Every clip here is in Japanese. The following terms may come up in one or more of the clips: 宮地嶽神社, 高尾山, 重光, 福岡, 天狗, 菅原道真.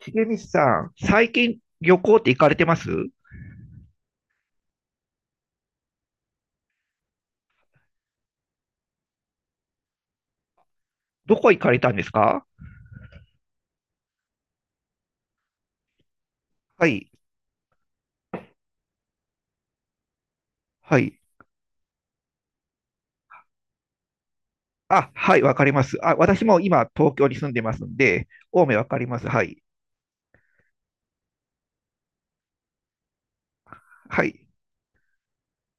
重光さん、最近旅行って行かれてます？どこ行かれたんですか？はい、はい。あ、はい、わかります。あ、私も今、東京に住んでますんで、青梅わかります。はい、はい、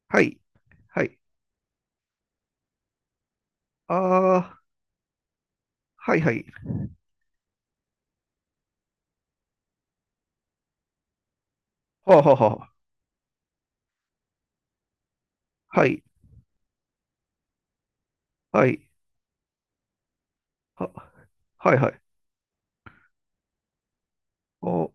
はい、はい。ああ、はい、はい。はあ、はあ、はあ、はい、はい、は、はい、はい。お、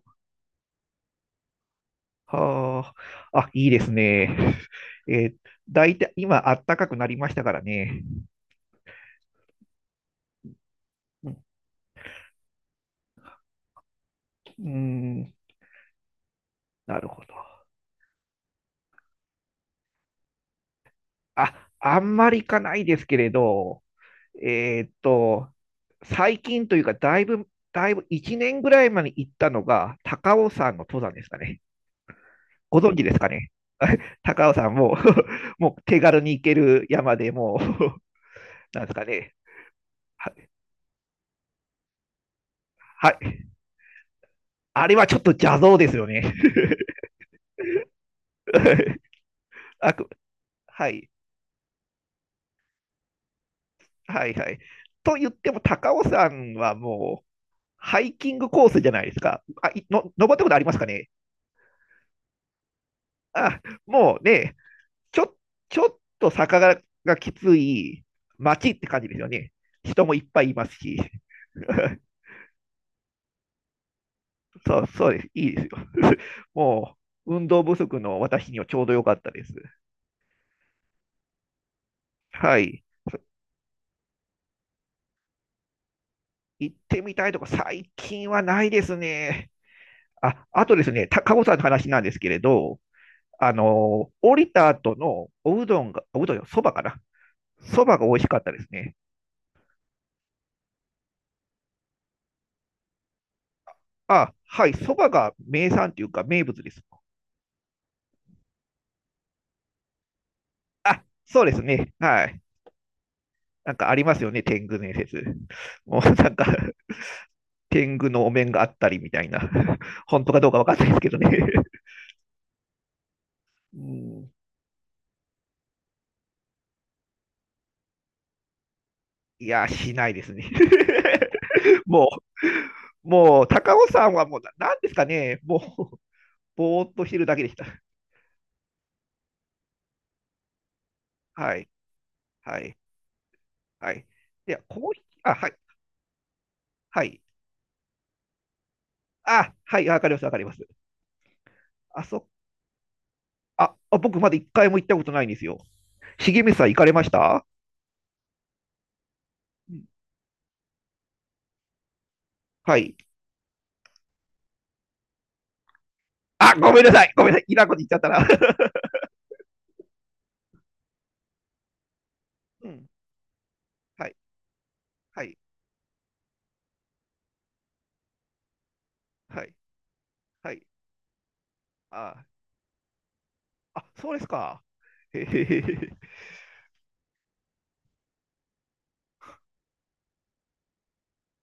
はあ、あ、いいですね。えー、だいたい今、暖かくなりましたからね。うん、うーん、なるほど。あ、あんまり行かないですけれど、えーっと、最近というか、だいぶ1年ぐらい前に行ったのが、高尾山の登山ですかね。ご存知ですかね？高尾山も、 もう手軽に行ける山でもう、 なんですかね。は、はい。あれはちょっと邪道ですよね。あく、はい、はい、はい。と言っても、高尾山はもう、ハイキングコースじゃないですか。登ったことありますかね？あ、もうね、ちょ、ちょっと坂がきつい街って感じですよね。人もいっぱいいますし。そうです。いいですよ。もう、運動不足の私にはちょうど良かったです。はい。行ってみたいとか、最近はないですね。あ、あとですね、たかごさんの話なんですけれど、あの降りた後のおうどんが、おうどんよ、そばかな。そばが美味しかったですね。あ、はい、そばが名産というか名物です。そうですね。はい。なんかありますよね、天狗伝説。もうなんか、天狗のお面があったりみたいな。本当かどうかわかんないですけどね。うん、いや、しないですね。もう、もう、高尾さんはもう、なんですかね、もう、ぼーっとしてるだけでした。はい、はい、はい。では、コーヒー、あ、はい、はい。あ、はい、わかります、わかります。あ、そ、あ僕まだ一回も行ったことないんですよ。重光さん行かれました？はい。あ、ごめんなさい、ごめんなさい。いらんこと言っちゃったな。うん。はい。はい。はい。はい。あー、あ、そうですか。へへへへ。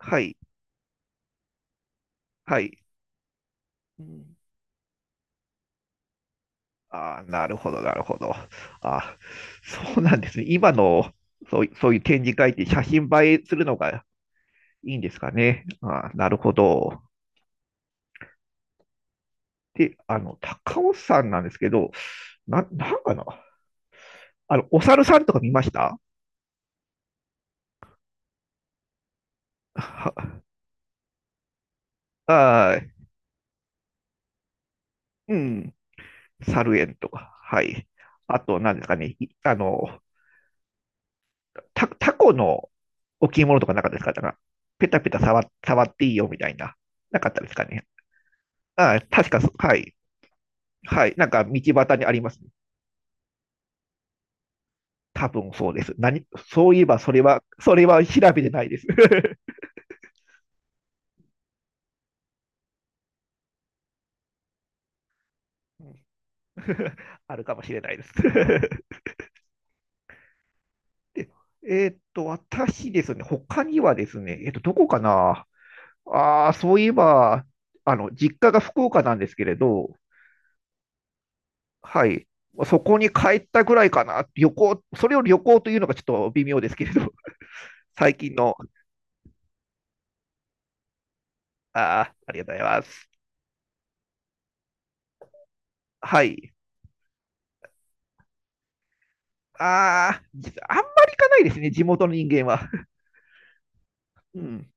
はい。はい。うん。あー、なるほど、なるほど。あー、そうなんですね。今の、そういう展示会って写真映えするのがいいんですかね。あー、なるほど。で、高尾山なんですけど、なんかな。お猿さんとか見ました？は、はい。うん。猿園とか。はい。あと、何ですかね。いあの、タコの置物とかなかったですか？ペタペタ触っていいよみたいな。なかったですかね。ああ、確か、はい。はい。なんか、道端にありますね。多分そうです。そういえば、それは調べてないです。あるかもしれないです。で、私ですね、他にはですね、どこかな？ああ、そういえば、実家が福岡なんですけれど、はい。そこに帰ったぐらいかな。旅行、それを旅行というのがちょっと微妙ですけれど、最近の、ああ、ありがとうございます。はい。ああ、実はあんまり行かないですね、地元の人間は。うん。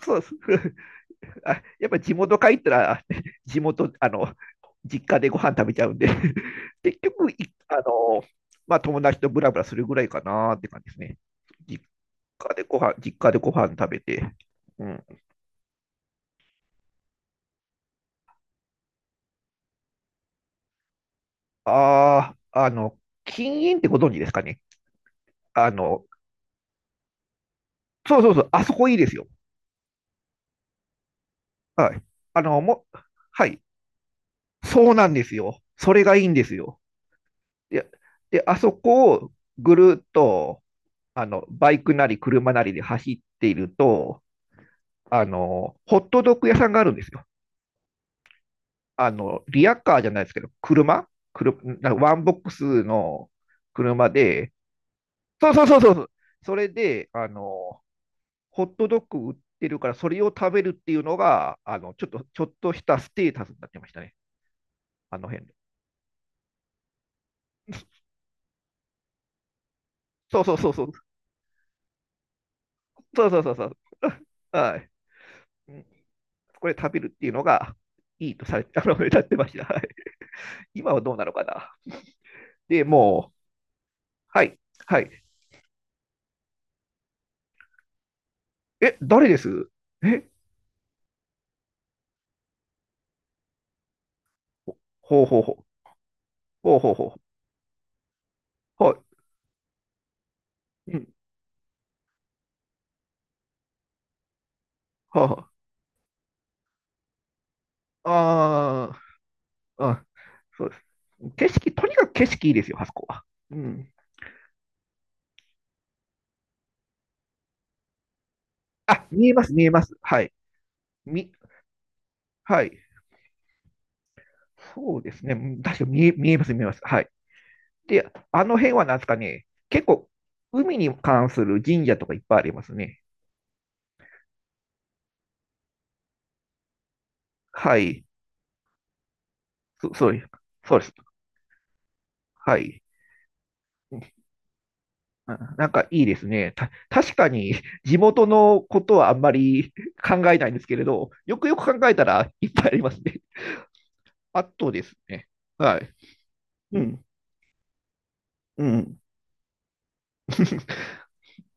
そうです。あ、やっぱ地元帰ったら、地元、あの、実家でご飯食べちゃうんで、 結局、いあの、まあ、友達とブラブラするぐらいかなって感じですね。実実家でご飯食べて、うん。ああ、禁煙ってご存知ですかね。あの、そうそうそう、あそこいいですよ。はい。あの、も、はい。そうなんですよ。それがいいんですよ。で、で、あそこをぐるっと、バイクなり車なりで走っていると、ホットドッグ屋さんがあるんですよ。リアカーじゃないですけど、車、車なんかワンボックスの車で、そうそうそうそう、それで、ホットドッグ売ってるから、それを食べるっていうのが、ちょっとしたステータスになってましたね。あの辺で。そうそうそうそう。そうそうそうそう。はい。これ食べるっていうのがいいとされ、 歌ってました。はい。今はどうなのかな。で、もう、はい。はい。え、誰です？え、ほうほうほう。ほうほうほう。はい。うん。ははあ。あーあ、そうです。景色、とにかく景色いいですよ、あそこは。うん。あ、見えます、見えます。はい。み、はい。そうですね。うん、確かに見えます、見えます。はい。で、あの辺はなんですかね、結構、海に関する神社とかいっぱいありますね。はい。そうです。そうです。はい。うん。なんかいいですね。確かに地元のことはあんまり、 考えないんですけれど、よくよく考えたらいっぱいありますね。あとですね。はい。うん。うん。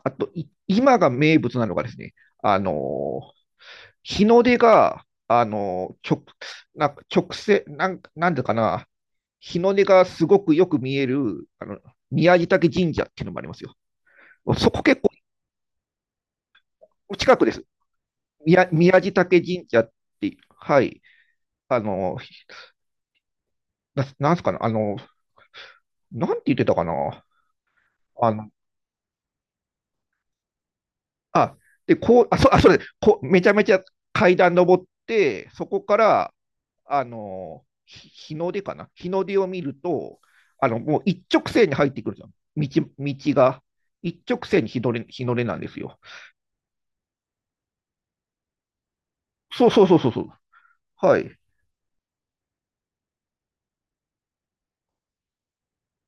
あと、今が名物なのがですね、あの日の出が、なんか直線、なんでかな、日の出がすごくよく見える、宮地嶽神社っていうのもありますよ。そこ結構近くです。宮地嶽神社って、はい。あの、なんすかな、なんて言ってたかな。あの、あ、で、そうです、こう、めちゃめちゃ階段登って、そこから、日の出かな、日の出を見ると、もう一直線に入ってくるじゃん。道、道が。一直線に日の出、日の出なんですよ。そうそうそうそうそう。はい。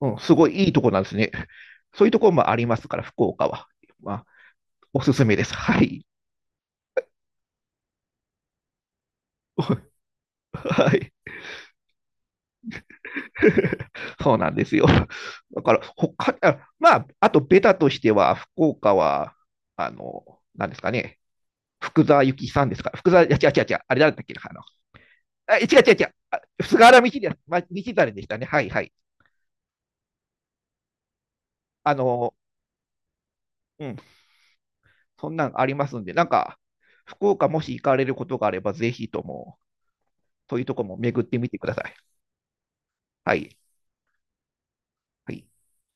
うん、すごいいいとこなんですね。そういうところもありますから、福岡は。まあ、おすすめです。はい。はい。そうなんですよ。だから、まあ、あとベタとしては、福岡は、なんですかね、福沢諭吉さんですか。福沢、いや、違う違う違う、あれ誰だっけな、違う違う違う、あ、菅原道真、道真でしたね。はいはい。あの、うん、そんなんありますんで、なんか、福岡もし行かれることがあれば、ぜひとも、そういうとこも巡ってみてください。はい。はい。